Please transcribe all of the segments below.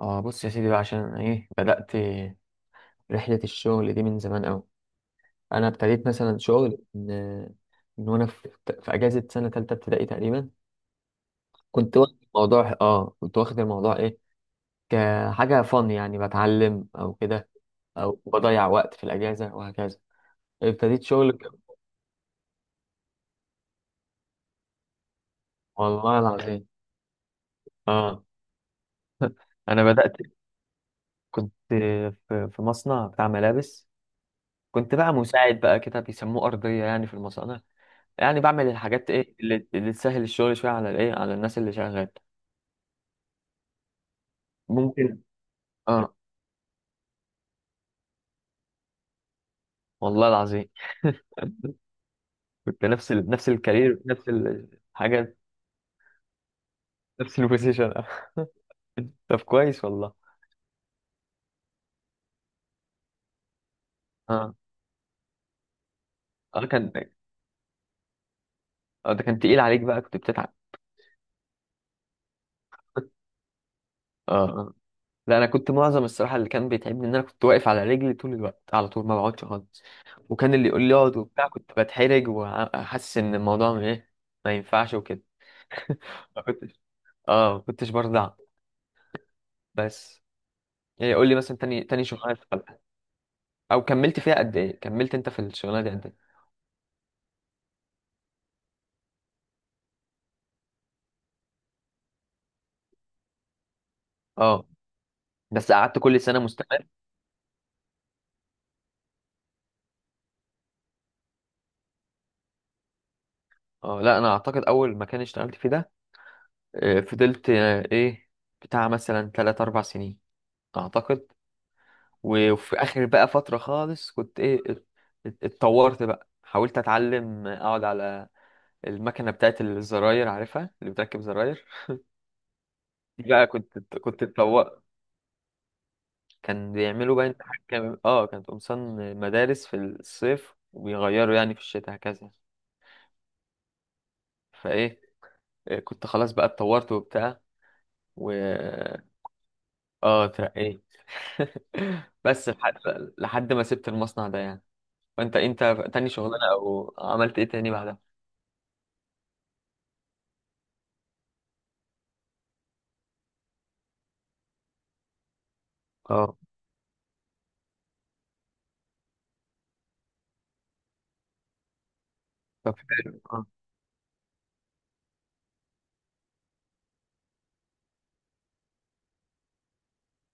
اه بص يا سيدي بقى، عشان أنا بدأت رحلة الشغل دي من زمان قوي. انا ابتديت مثلا شغل من وانا في اجازة سنة تالتة ابتدائي تقريبا. كنت واخد الموضوع كحاجة فن، يعني بتعلم او كده، او بضيع وقت في الاجازة وهكذا. ابتديت شغل والله العظيم. اه. انا بدأت. كنت في مصنع بتاع ملابس. كنت بقى مساعد بقى كده، بيسموه أرضية يعني في المصانع. يعني بعمل الحاجات اللي تسهل الشغل شويه، على الايه على الناس اللي شغال. ممكن. اه. والله العظيم. كنت نفس الكارير، نفس الحاجه. نفس البوزيشن. طب كويس والله. اه. اه. كان اه ده كان تقيل عليك بقى، كنت بتتعب؟ اه. اه. لا، انا كنت معظم الصراحه اللي كان بيتعبني ان انا كنت واقف على رجلي طول الوقت، على طول ما بقعدش خالص. وكان اللي يقول لي اقعد وبتاع كنت بتحرج وحاسس ان الموضوع م- ايه ما ينفعش وكده. ما كنتش اه ما كنتش برضع بس. يعني قول لي مثلا تاني شغلانه اشتغلتها، او كملت فيها قد ايه كملت انت في الشغلانه دي قد ايه؟ اه، بس قعدت كل سنه مستمر. اه، لا انا اعتقد اول مكان اشتغلت فيه ده، فضلت، آه، ايه بتاع مثلا 3 4 سنين، اعتقد. وفي اخر بقى فتره خالص، كنت اتطورت بقى، حاولت اتعلم اقعد على المكنه بتاعت الزراير، عارفها اللي بتركب زراير. دي بقى كنت اتطورت. كان بيعملوا بقى كانت قمصان مدارس في الصيف، وبيغيروا يعني في الشتاء هكذا. فايه آه، كنت خلاص بقى اتطورت وبتاع. و اه اترقيت. بس لحد ما سبت المصنع ده يعني. وانت، تاني شغلانه او عملت ايه تاني بعدها؟ اه، طب حلو. اه.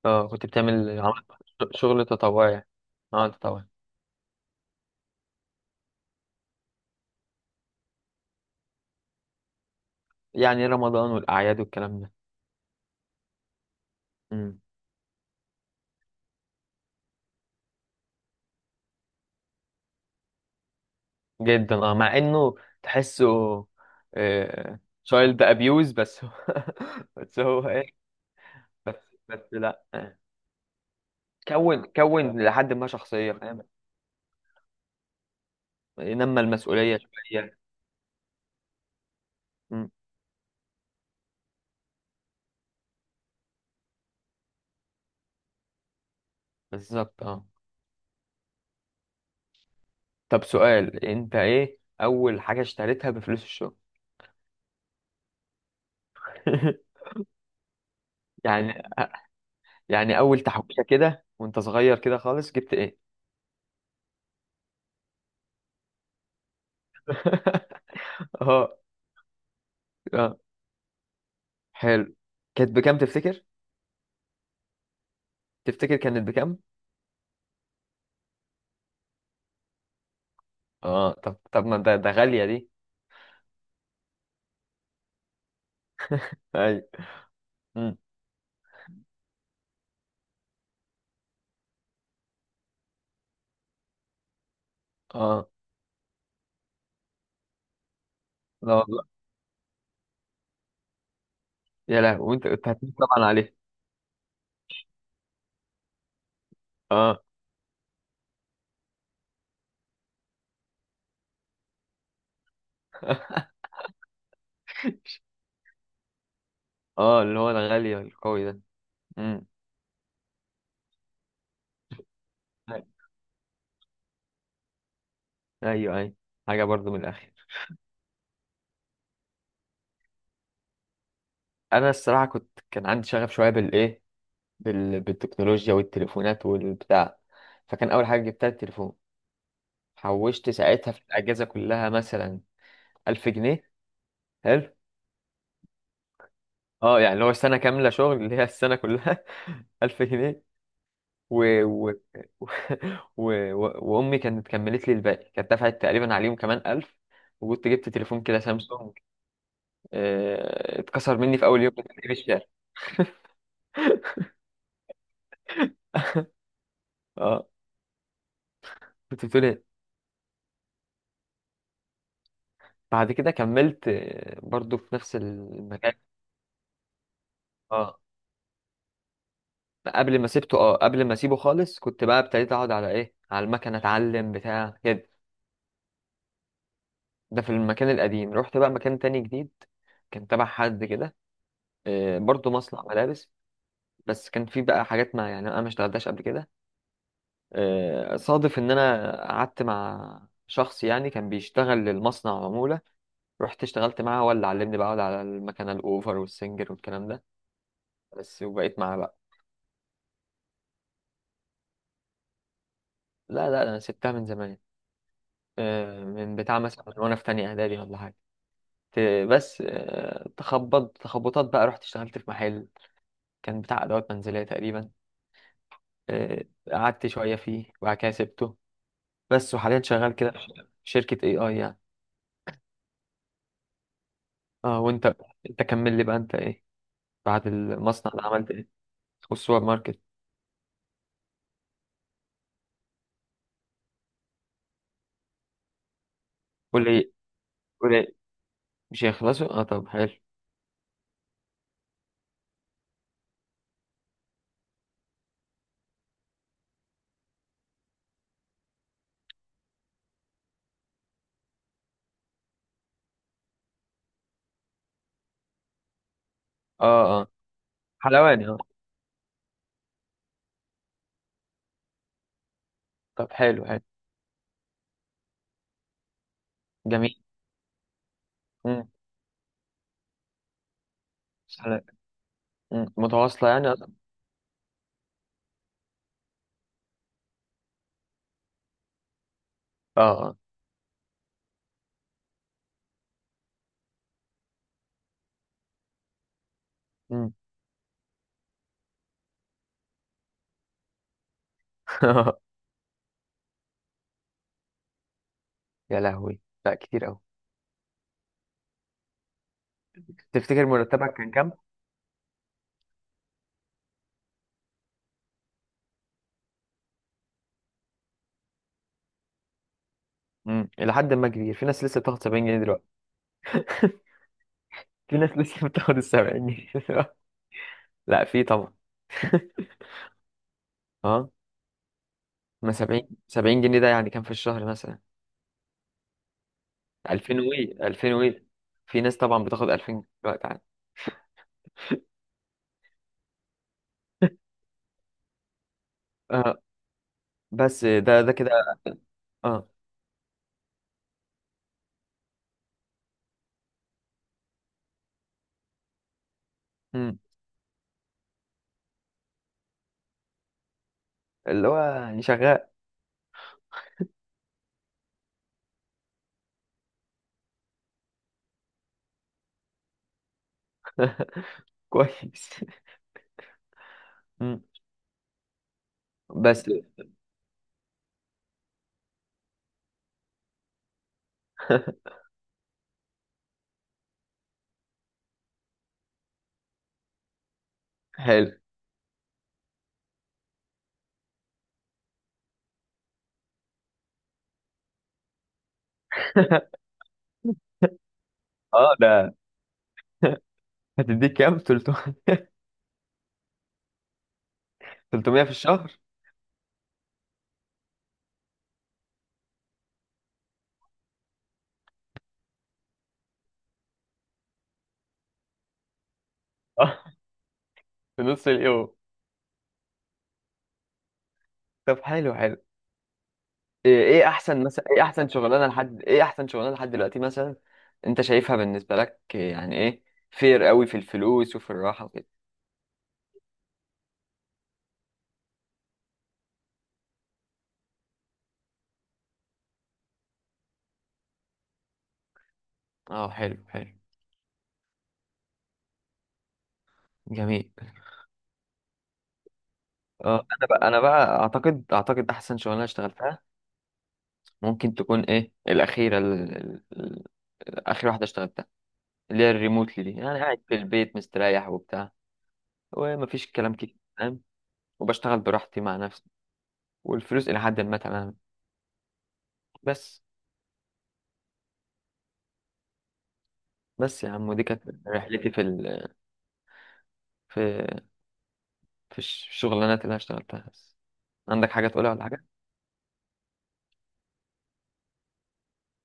اه. كنت بتعمل عملت شغل تطوعي يعني. اه، تطوعي. يعني رمضان والاعياد والكلام ده. جدا. اه مع انه تحسه تشايلد ابيوز. بس هو. بس هو ايه. بس بس لا. آه. كون لحد ما شخصية، فاهم. نمى المسؤولية شوية. مم. بالظبط. اه طب سؤال: انت اول حاجة اشتريتها بفلوس الشغل؟ يعني يعني اول تحويشة كده وانت صغير كده خالص، جبت ايه؟ اه. اه. حلو. كانت بكام تفتكر؟ تفتكر كانت بكام؟ اه طب، ما ده غالية دي. ايوه. مم. اه. لا والله. يا لهوي، وانت كنت هتموت طبعا عليه. اه. اه. اللي هو الغالي القوي ده. امم. ايوه، ايوه، حاجه برضو من الاخر. انا الصراحه كان عندي شغف شويه بالتكنولوجيا والتليفونات والبتاع. فكان اول حاجه جبتها التليفون. حوشت ساعتها في الاجازه كلها مثلا 1000 جنيه. حلو. اه، يعني اللي هو سنه كامله شغل، اللي هي السنه كلها. 1000 جنيه. و... و... و... وامي كانت كملت لي الباقي، كانت دفعت تقريبا عليهم كمان 1000. وكنت جبت تليفون كده، سامسونج. اتكسر مني في اول يوم كنت في الشارع. اه. كنت بتقول ايه؟ بعد كده كملت، برضو في نفس المكان. اه، قبل ما اسيبه خالص، كنت بقى ابتديت اقعد على ايه على المكنه، اتعلم بتاع كده. ده في المكان القديم. رحت بقى مكان تاني جديد، كان تبع حد كده، برضو مصنع ملابس. بس كان في بقى حاجات ما يعني انا ما اشتغلتهاش قبل كده. صادف ان انا قعدت مع شخص يعني كان بيشتغل للمصنع عمولة. رحت اشتغلت معاه، هو اللي علمني بقى أقعد على المكنة الاوفر والسنجر والكلام ده. بس، وبقيت معاه بقى. لا، لا، انا سبتها من زمان. من بتاع مثلا من وانا في تانية اعدادي ولا حاجة. بس، تخبطات بقى، رحت اشتغلت في محل كان بتاع ادوات منزلية تقريبا. آه، قعدت شوية فيه وبعد كده سبته. بس، وحاليا شغال كده في شركة AI يعني. اه. وانت، كمل لي بقى. انت بعد المصنع ده عملت؟ والسوبر ماركت؟ قول ايه قول ايه؟ مش هيخلصوا. اه، طب حلو. اه. اه. حلواني. اه. طب، حلو حلو. جميل. امم. سلام. مم. متواصلة يعني. اه. اه. مم. يا لهوي، لا كتير قوي. تفتكر مرتبك كان كام؟ امم، إلى حد ما كبير. في ناس لسه بتاخد 70 جنيه دلوقتي. في ناس لسه بتاخد ال 70 جنيه دلوقتي. لا، في طبعا. اه. ما 70 70 جنيه ده يعني كام في الشهر مثلا؟ 2000 وي، 2000 وي. في ناس طبعا بتاخد 2000 دلوقتي عادي. آه. بس ده كده، اه اللي هو يعني شغال كويس. مم. بس. حلو. اه، ده. هتديك كام، 300 في الشهر؟ اه. في نص اليوم. طب، حلو حلو. ايه إيه احسن مثلا، احسن شغلانه لحد، احسن شغلانه لحد دلوقتي مثلا. انت شايفها بالنسبه لك يعني ايه، فير قوي في الفلوس وفي الراحه وكده. اه، حلو حلو. جميل. اه، انا بقى اعتقد احسن شغلانه اشتغلتها ممكن تكون الاخيره، اخر واحده اشتغلتها، اللي هي الريموتلي دي. انا قاعد في البيت مستريح وبتاع، ومفيش الكلام كتير، فاهم. وبشتغل براحتي مع نفسي، والفلوس الى حد ما تمام. بس بس يا عم، ودي كانت رحلتي في ال... في في الشغلانات اللي انا اشتغلتها بس. عندك حاجه تقولها ولا حاجه؟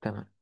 تمام.